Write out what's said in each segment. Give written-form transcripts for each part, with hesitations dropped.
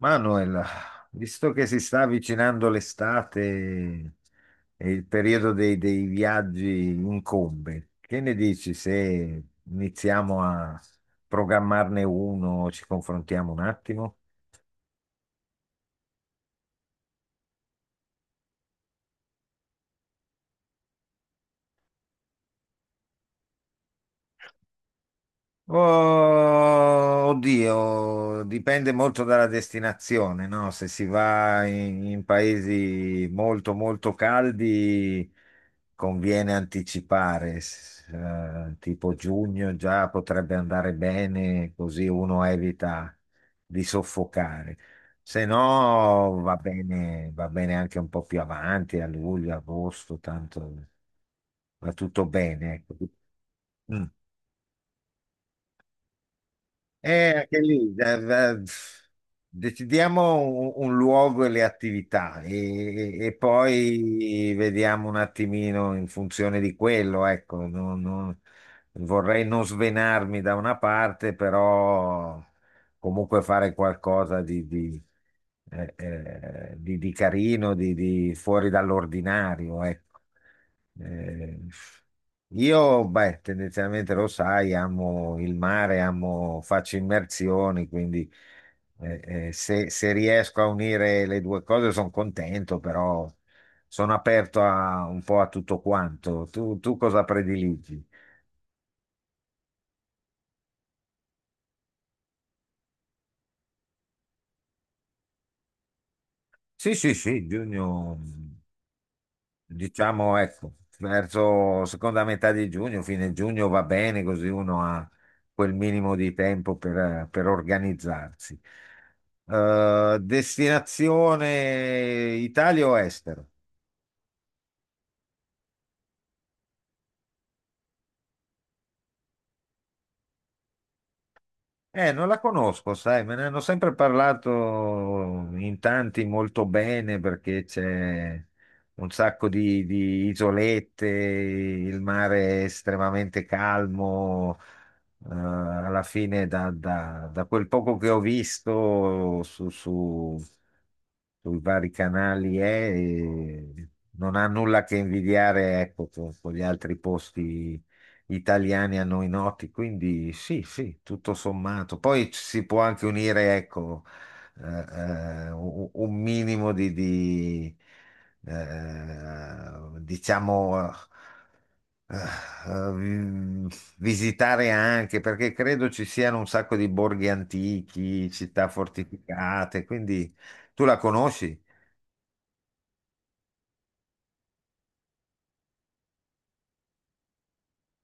Manuel, visto che si sta avvicinando l'estate e il periodo dei viaggi incombe, che ne dici se iniziamo a programmarne uno, ci confrontiamo un attimo? Oh, oddio, dipende molto dalla destinazione, no? Se si va in paesi molto molto caldi conviene anticipare, tipo giugno già potrebbe andare bene, così uno evita di soffocare. Se no va bene, va bene anche un po' più avanti, a luglio, agosto, tanto va tutto bene, ecco. Mm. Anche lì, eh, decidiamo un luogo e le attività e poi vediamo un attimino in funzione di quello, ecco, vorrei non svenarmi da una parte, però comunque fare qualcosa di carino, di fuori dall'ordinario, ecco. Eh, io, beh, tendenzialmente lo sai, amo il mare, amo, faccio immersioni, quindi se riesco a unire le due cose sono contento, però sono aperto a, un po' a tutto quanto. Tu cosa prediligi? Sì, sì, sì, giugno. Diciamo, ecco, verso seconda metà di giugno, fine giugno va bene, così uno ha quel minimo di tempo per organizzarsi. Destinazione Italia o estero? Non la conosco, sai, me ne hanno sempre parlato in tanti molto bene perché c'è un sacco di isolette, il mare è estremamente calmo, alla fine da quel poco che ho visto su, su sui vari canali è, e non ha nulla che invidiare, ecco, con gli altri posti italiani a noi noti, quindi sì, sì, tutto sommato. Poi ci si può anche unire, ecco, un minimo eh, diciamo... eh, eh, vi- visitare anche perché credo ci siano un sacco di borghi antichi, città fortificate, quindi tu la conosci?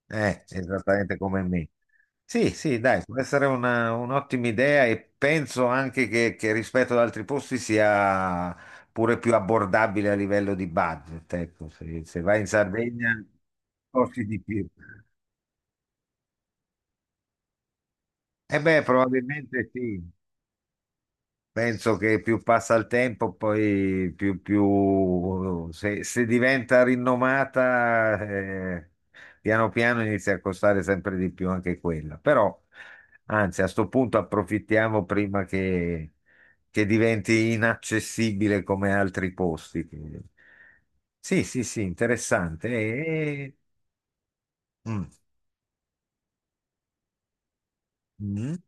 Esattamente come me. Sì, sì, dai, può essere un'ottima idea e penso anche che rispetto ad altri posti sia pure più abbordabile a livello di budget. Ecco, se vai in Sardegna costi di più. Eh beh, probabilmente sì. Penso che più passa il tempo, poi più se diventa rinomata, piano piano inizia a costare sempre di più anche quella. Però, anzi, a sto punto approfittiamo prima che diventi inaccessibile come altri posti. Quindi... Sì, sì, sì, interessante. E, mm, mm.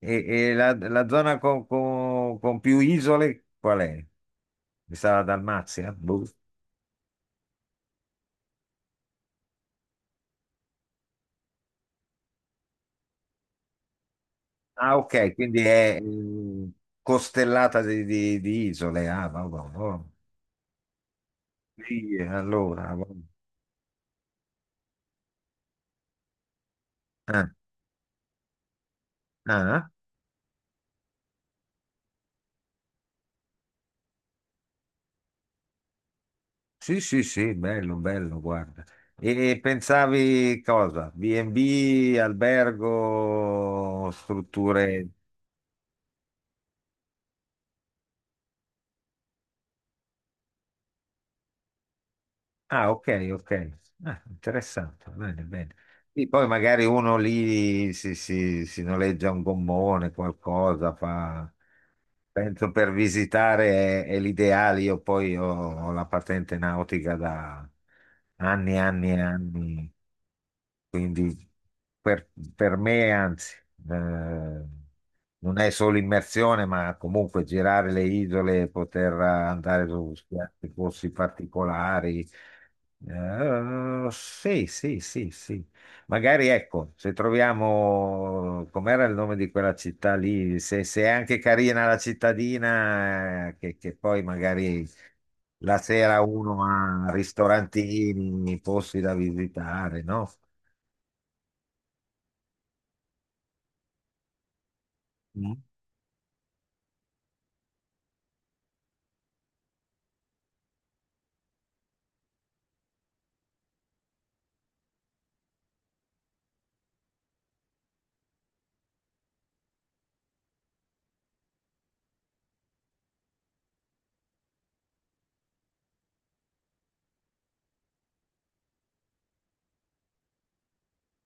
E- e la zona con più isole qual è? Mi sa la Dalmazia? Boh. Ah, ok, quindi è mm, costellata di isole. Ah, vabbè, oh. Sì, allora, vabbè. Ah, ah, sì, sì, sì, bello, bello, guarda. E pensavi cosa? B&B, albergo, strutture? Ah, ok, ok. Ah, interessante, bene, bene. Sì, poi magari uno lì si noleggia un gommone, qualcosa, fa... Penso per visitare è l'ideale, io poi ho, ho la patente nautica da anni, anni e anni. Quindi per, per me, anzi, eh, non è solo immersione, ma comunque girare le isole, poter andare su spiagge, posti particolari. Sì, sì, sì, sì. Magari ecco, se troviamo, com'era il nome di quella città lì, se è anche carina la cittadina, che poi magari la sera uno ha ristorantini, posti da visitare, no? Mm.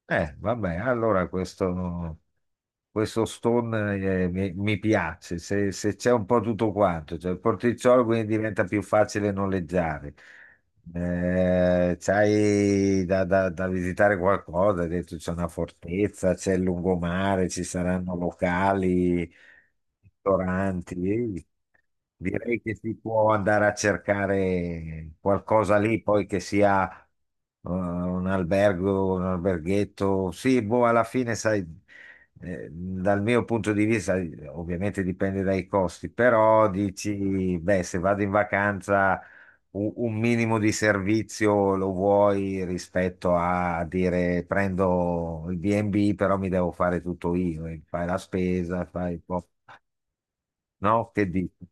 Vabbè, allora questo... Questo Stone mi piace, se c'è un po' tutto quanto, cioè il porticciolo quindi diventa più facile noleggiare. C'hai da visitare qualcosa, hai detto c'è una fortezza, c'è il lungomare, ci saranno locali, ristoranti. Direi che si può andare a cercare qualcosa lì, poi che sia un albergo, un alberghetto. Sì, boh, alla fine sai. Dal mio punto di vista, ovviamente dipende dai costi, però dici, beh, se vado in vacanza un minimo di servizio lo vuoi rispetto a dire prendo il B&B, però mi devo fare tutto io, e fai la spesa, fai un po', no? Che dici?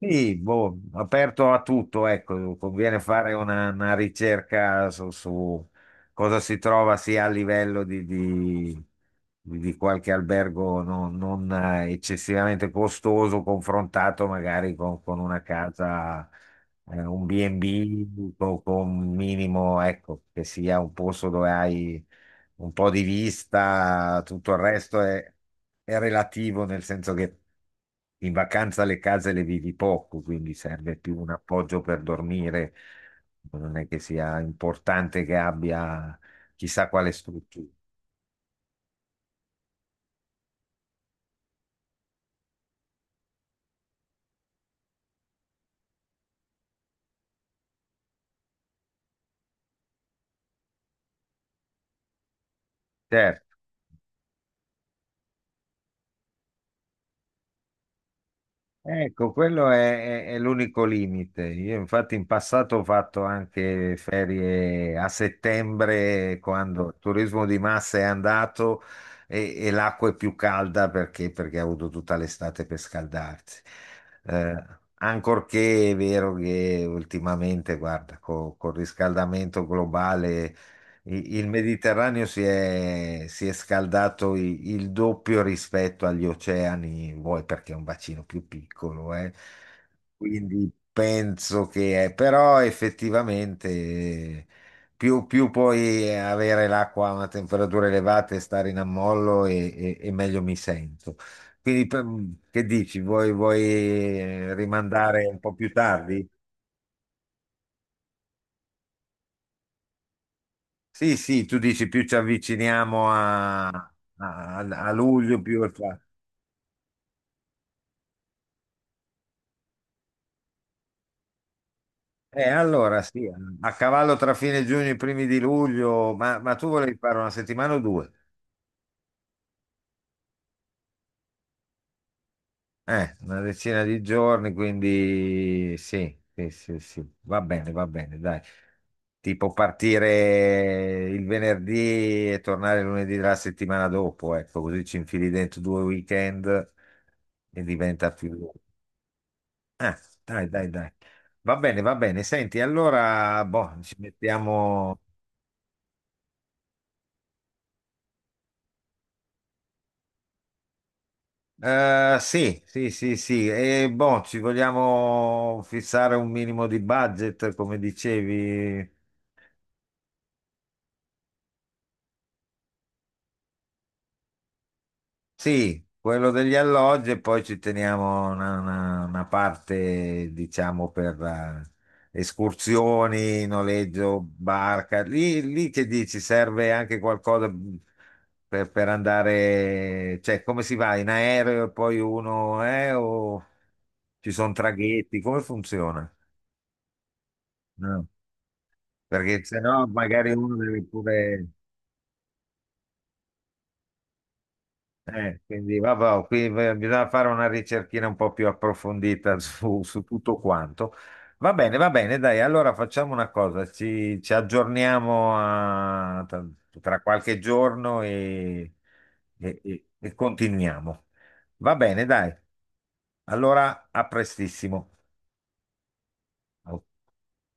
Sì, boh, aperto a tutto, ecco, conviene fare una ricerca su, su cosa si trova sia a livello di qualche albergo non, non, eccessivamente costoso, confrontato magari con una casa, un B&B con un minimo, ecco, che sia un posto dove hai un po' di vista, tutto il resto è relativo nel senso che in vacanza le case le vivi poco, quindi serve più un appoggio per dormire. Non è che sia importante che abbia chissà quale struttura. Certo. Ecco, quello è, è l'unico limite. Io infatti in passato ho fatto anche ferie a settembre, quando il turismo di massa è andato e l'acqua è più calda perché ha avuto tutta l'estate per scaldarsi. Eh, ancorché è vero che ultimamente, guarda, col riscaldamento globale il Mediterraneo si è scaldato il doppio rispetto agli oceani, vuoi perché è un bacino più piccolo, eh. Quindi penso che è, però effettivamente più puoi avere l'acqua a una temperatura elevata e stare in ammollo e meglio mi sento. Quindi per- che dici? Vuoi rimandare un po' più tardi? Sì, sì, tu dici più ci avviciniamo a luglio, più è facile. Allora sì, a cavallo tra fine giugno e i primi di luglio, ma tu volevi fare una settimana o due? Una decina di giorni, quindi sì, sì, sì, sì, va bene, dai. Tipo partire il venerdì e tornare lunedì della settimana dopo, ecco, così ci infili dentro due weekend e diventa più... Ah, dai, dai, dai. Va bene, va bene. Senti, allora, boh, ci mettiamo... sì, sì, sì, sì. E boh, ci vogliamo fissare un minimo di budget, come dicevi. Sì, quello degli alloggi e poi ci teniamo una parte, diciamo, per escursioni, noleggio, barca. Lì che dici, serve anche qualcosa mhmm, per andare, cioè come si va in aereo e poi uno, o ci sono traghetti, come funziona? No, perché se no magari uno deve pure... quindi vabbè, qui bisogna fare una ricerchina un po' più approfondita su, su tutto quanto. Va bene, dai, allora facciamo una cosa, ci aggiorniamo tra, tra qualche giorno e, e continuiamo. Va bene, dai, allora a prestissimo. Ok.